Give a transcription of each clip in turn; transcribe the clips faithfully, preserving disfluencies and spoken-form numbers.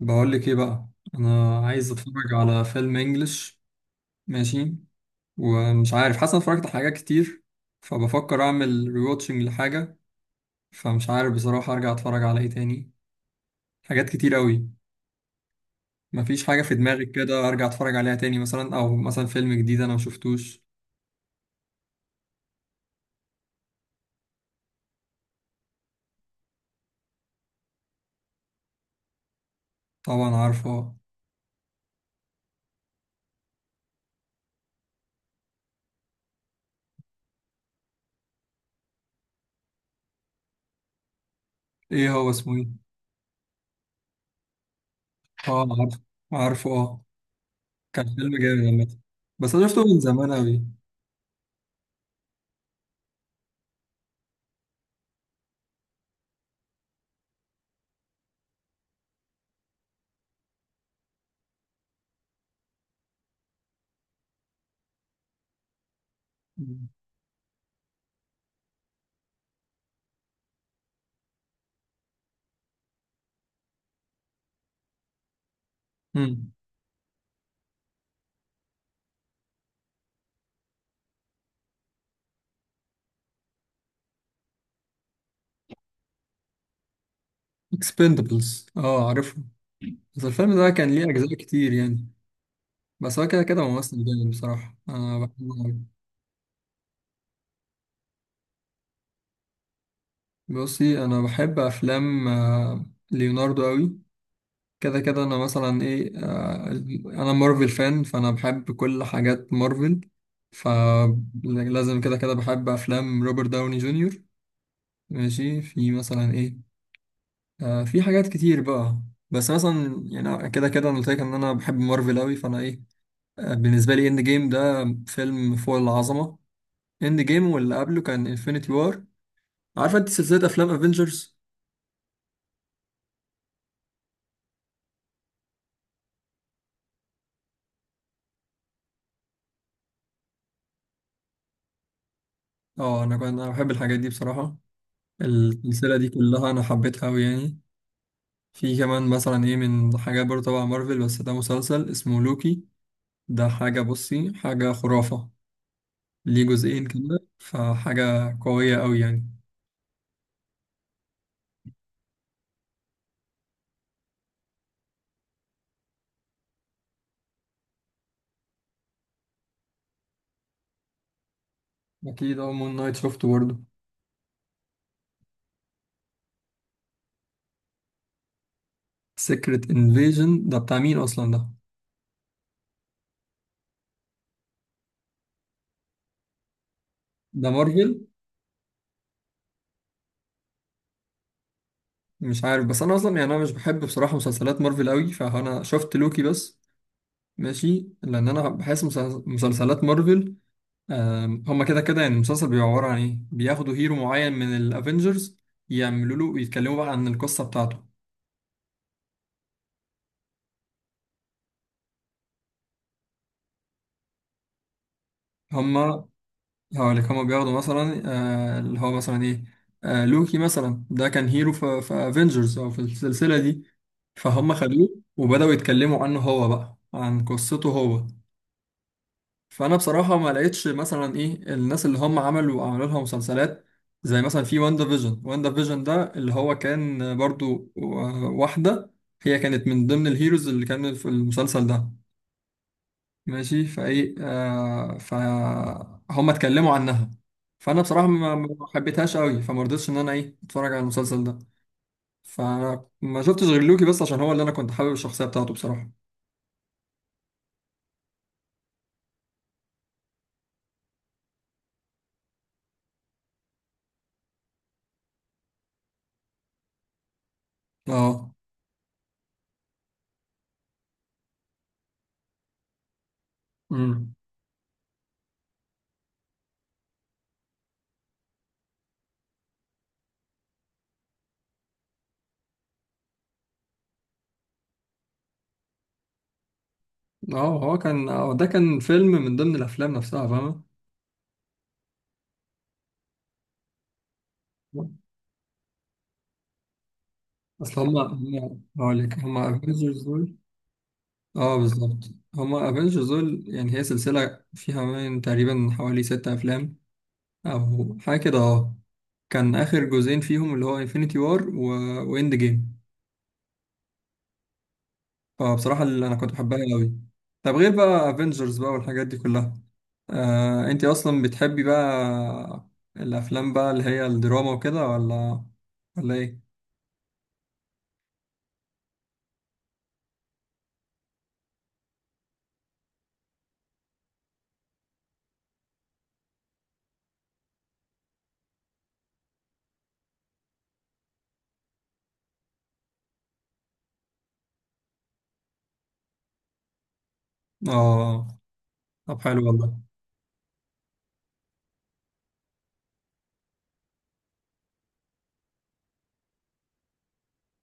بقول لك ايه بقى. انا عايز اتفرج على فيلم انجلش. ماشي، ومش عارف، حاسس أنا اتفرجت على حاجات كتير، فبفكر اعمل ريواتشنج لحاجه. فمش عارف بصراحه ارجع اتفرج على ايه تاني، حاجات كتير قوي. مفيش حاجه في دماغي كده ارجع اتفرج عليها تاني مثلا، او مثلا فيلم جديد انا مشفتوش. طبعا عارفه. ايه هو اسمه ايه؟ اه عارفه، عارفه اه. كان فيلم جامد عامة. بس انا شفته من زمان قوي. امم. اكسبندبلز، اه عارفه. بس الفيلم ده كان ليه أجزاء كتير يعني. بس هو كده كده ممثل جامد بصراحة، أنا بحبه أوي. بصي، أنا بحب أفلام آه، ليوناردو أوي. كده كده أنا مثلا إيه آه، أنا مارفل فان، فأنا بحب كل حاجات مارفل. فلازم كده كده بحب أفلام روبرت داوني جونيور. ماشي، في مثلا إيه آه، في حاجات كتير بقى. بس مثلا يعني كده كده أنا قلت لك إن أنا بحب مارفل أوي، فأنا إيه آه، بالنسبة لي إند جيم ده فيلم فوق العظمة. اند جيم واللي قبله كان انفينيتي وار، عارفه انت سلسله افلام افنجرز. اه انا كنت انا بحب الحاجات دي بصراحه، السلسله دي كلها انا حبيتها قوي يعني. في كمان مثلا ايه من حاجات برضه تبع مارفل، بس ده مسلسل اسمه لوكي. ده حاجه، بصي، حاجه خرافه. ليه جزئين كده، فحاجه قويه قوي يعني. اكيد، اه، مون نايت شفته برضه. سيكريت انفيجن ده بتاع مين اصلا ده؟ ده مارفل؟ مش عارف، بس انا اصلا يعني انا مش بحب بصراحه مسلسلات مارفل قوي، فانا شفت لوكي بس. ماشي، لان انا بحس مسلس- مسلسلات مارفل، آم، هما كده كده يعني المسلسل بيبقى عباره عن ايه، بياخدوا هيرو معين من الافنجرز، يعملوا له ويتكلموا بقى عن القصه بتاعته. هما هقول لك هما بياخدوا مثلا آه، اللي هو مثلا ايه آه، لوكي مثلا ده كان هيرو في في افنجرز او في السلسله دي، فهم خدوه وبداوا يتكلموا عنه هو بقى عن قصته هو. فانا بصراحه ما لقيتش مثلا ايه الناس اللي هم عملوا عملوا لها مسلسلات، زي مثلا في واندا فيجن. واندا فيجن ده اللي هو كان برضو و- واحده، هي كانت من ضمن الهيروز اللي كانوا في المسلسل ده. ماشي فايه، آه فهم اتكلموا عنها، فانا بصراحه ما ما حبيتهاش قوي، فما رضيتش ان انا ايه اتفرج على المسلسل ده. فانا ما شفتش غير لوكي بس عشان هو اللي انا كنت حابب الشخصيه بتاعته بصراحه. اه. امم. اه هو كان، آه، ده كان فيلم من ضمن الافلام نفسها، فاهمه. اصل هم هم هقول لك هم افنجرز دول. اه بالظبط، هم افنجرز دول، يعني هي سلسله فيها من تقريبا حوالي ستة افلام او حاجه كده، اه. كان اخر جزئين فيهم اللي هو انفينيتي وار و... واند جيم. فبصراحه اللي انا كنت بحبها قوي. طب غير بقى افنجرز بقى والحاجات دي كلها، آه انت اصلا بتحبي بقى الافلام بقى اللي هي الدراما وكده، ولا ولا ايه؟ اه طب حلو والله.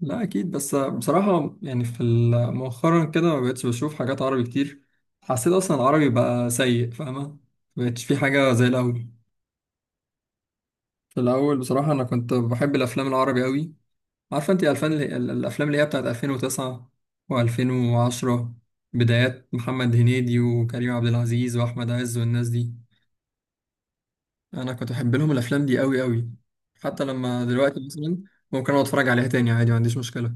لا اكيد، بس بصراحه يعني في ال- مؤخرا كده ما بقتش بشوف حاجات عربي كتير. حسيت اصلا العربي بقى سيء، فاهمه. ما بقتش في حاجه زي الاول. في الاول بصراحه انا كنت بحب الافلام العربي قوي. عارفه انت الفن ال- الافلام اللي هي بتاعت ألفين وتسعة و2010، بدايات محمد هنيدي وكريم عبد العزيز واحمد عز والناس دي. انا كنت بحب لهم الافلام دي قوي قوي. حتى لما دلوقتي مثلا ممكن اقعد اتفرج عليها تاني عادي، ما عنديش مشكله.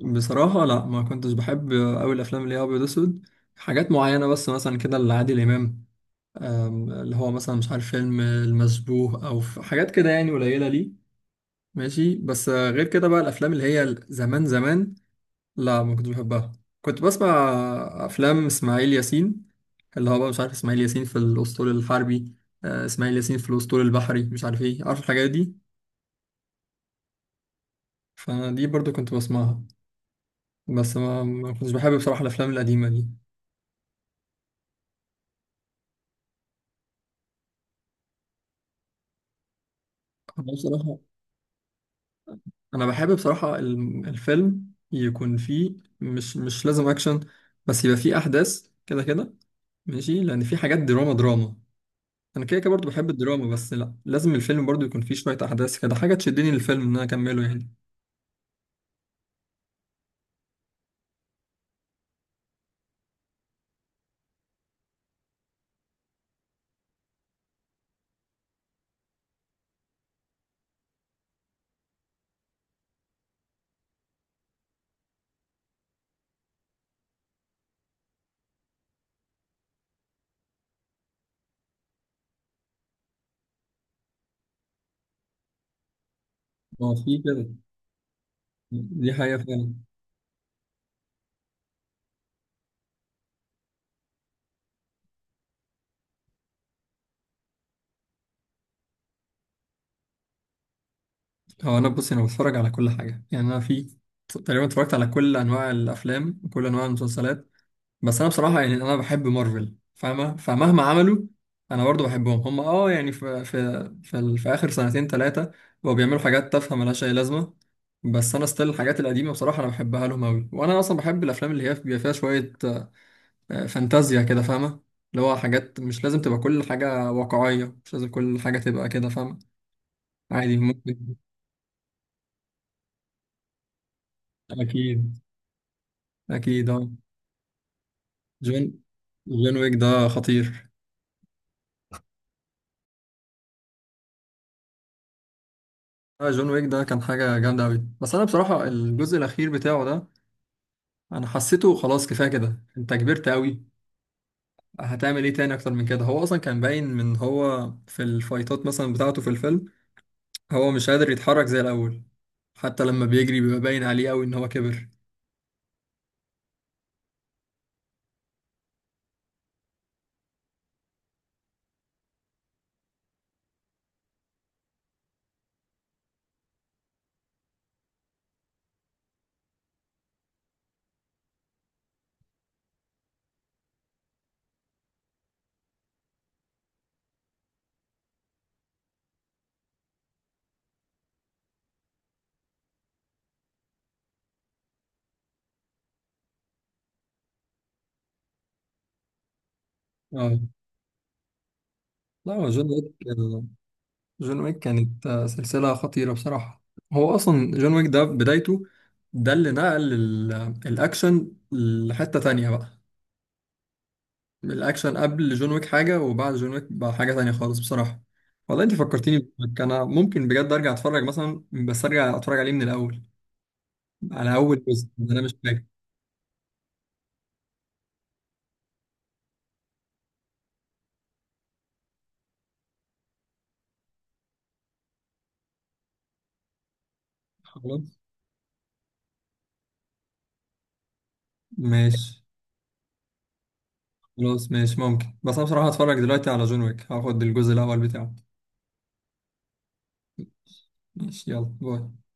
بصراحة لا، ما كنتش بحب أوي الأفلام اللي هي أبيض وأسود. حاجات معينة بس مثلا كده لعادل إمام، أم، اللي هو مثلا مش عارف فيلم المشبوه أو ف- حاجات كده، يعني قليلة ليه. ماشي، بس آه، غير كده بقى الأفلام اللي هي زمان زمان، لا ما كنتش بحبها. كنت بسمع أفلام إسماعيل ياسين، اللي هو بقى مش عارف إسماعيل ياسين في الأسطول الحربي، آه، إسماعيل ياسين في الأسطول البحري، مش عارف إيه، عارف الحاجات دي. فأنا دي برضو كنت بسمعها، بس ما ما كنتش بحب بصراحة الأفلام القديمة دي. أنا بصراحة، انا بحب بصراحة الم- الفيلم يكون فيه، مش مش لازم اكشن، بس يبقى فيه احداث كده كده. ماشي، لان في حاجات دراما دراما، انا كده كده برضه بحب الدراما، بس لا، لازم الفيلم برضه يكون فيه شوية احداث كده، حاجة تشدني للفيلم ان انا اكمله يعني. هو في كده، دي حقيقة فعلا. هو انا بص، انا بتفرج على كل حاجة يعني، انا في تقريبا اتفرجت على كل انواع الافلام وكل انواع المسلسلات. بس انا بصراحه يعني انا بحب مارفل، فاهمه، فمهما عملوا انا برضو بحبهم. هم اه يعني في في في, ال- في اخر سنتين ثلاثه بقوا بيعملوا حاجات تافهه ملهاش اي لازمه. بس انا ستيل الحاجات القديمه بصراحه انا بحبها لهم قوي، وانا اصلا بحب الافلام اللي هي بيبقى فيها شويه آه، فانتازيا كده، فاهمه. اللي هو حاجات مش لازم تبقى كل حاجه واقعيه، مش لازم كل حاجه تبقى كده، فاهمه. عادي ممكن. اكيد. اكيد اه. جون جون ويك ده خطير. آه، جون ويك ده كان حاجة جامدة أوي، بس أنا بصراحة الجزء الأخير بتاعه ده أنا حسيته خلاص كفاية كده، أنت كبرت أوي. هتعمل إيه تاني أكتر من كده؟ هو أصلا كان باين من هو في الفايتات مثلا بتاعته في الفيلم، هو مش قادر يتحرك زي الأول. حتى لما بيجري بيبقى باين عليه أوي إن هو كبر. آه لا، هو جون ويك. جون ويك كانت آه، سلسلة خطيرة بصراحة. هو أصلا جون ويك ده بدايته، ده اللي نقل ال- الأكشن لحتة تانية بقى. الاكشن قبل جون ويك حاجه، وبعد جون ويك بقى حاجه تانية خالص بصراحه. والله انت فكرتيني بك. انا ممكن بجد ارجع اتفرج مثلا، بس ارجع اتفرج عليه من الاول، على اول جزء ده انا مش فاكر. خلاص ماشي. خلاص ماشي ممكن، بس انا بصراحه هتفرج دلوقتي على جون ويك، هاخد الجزء الاول بتاعه. ماشي، يلا باي.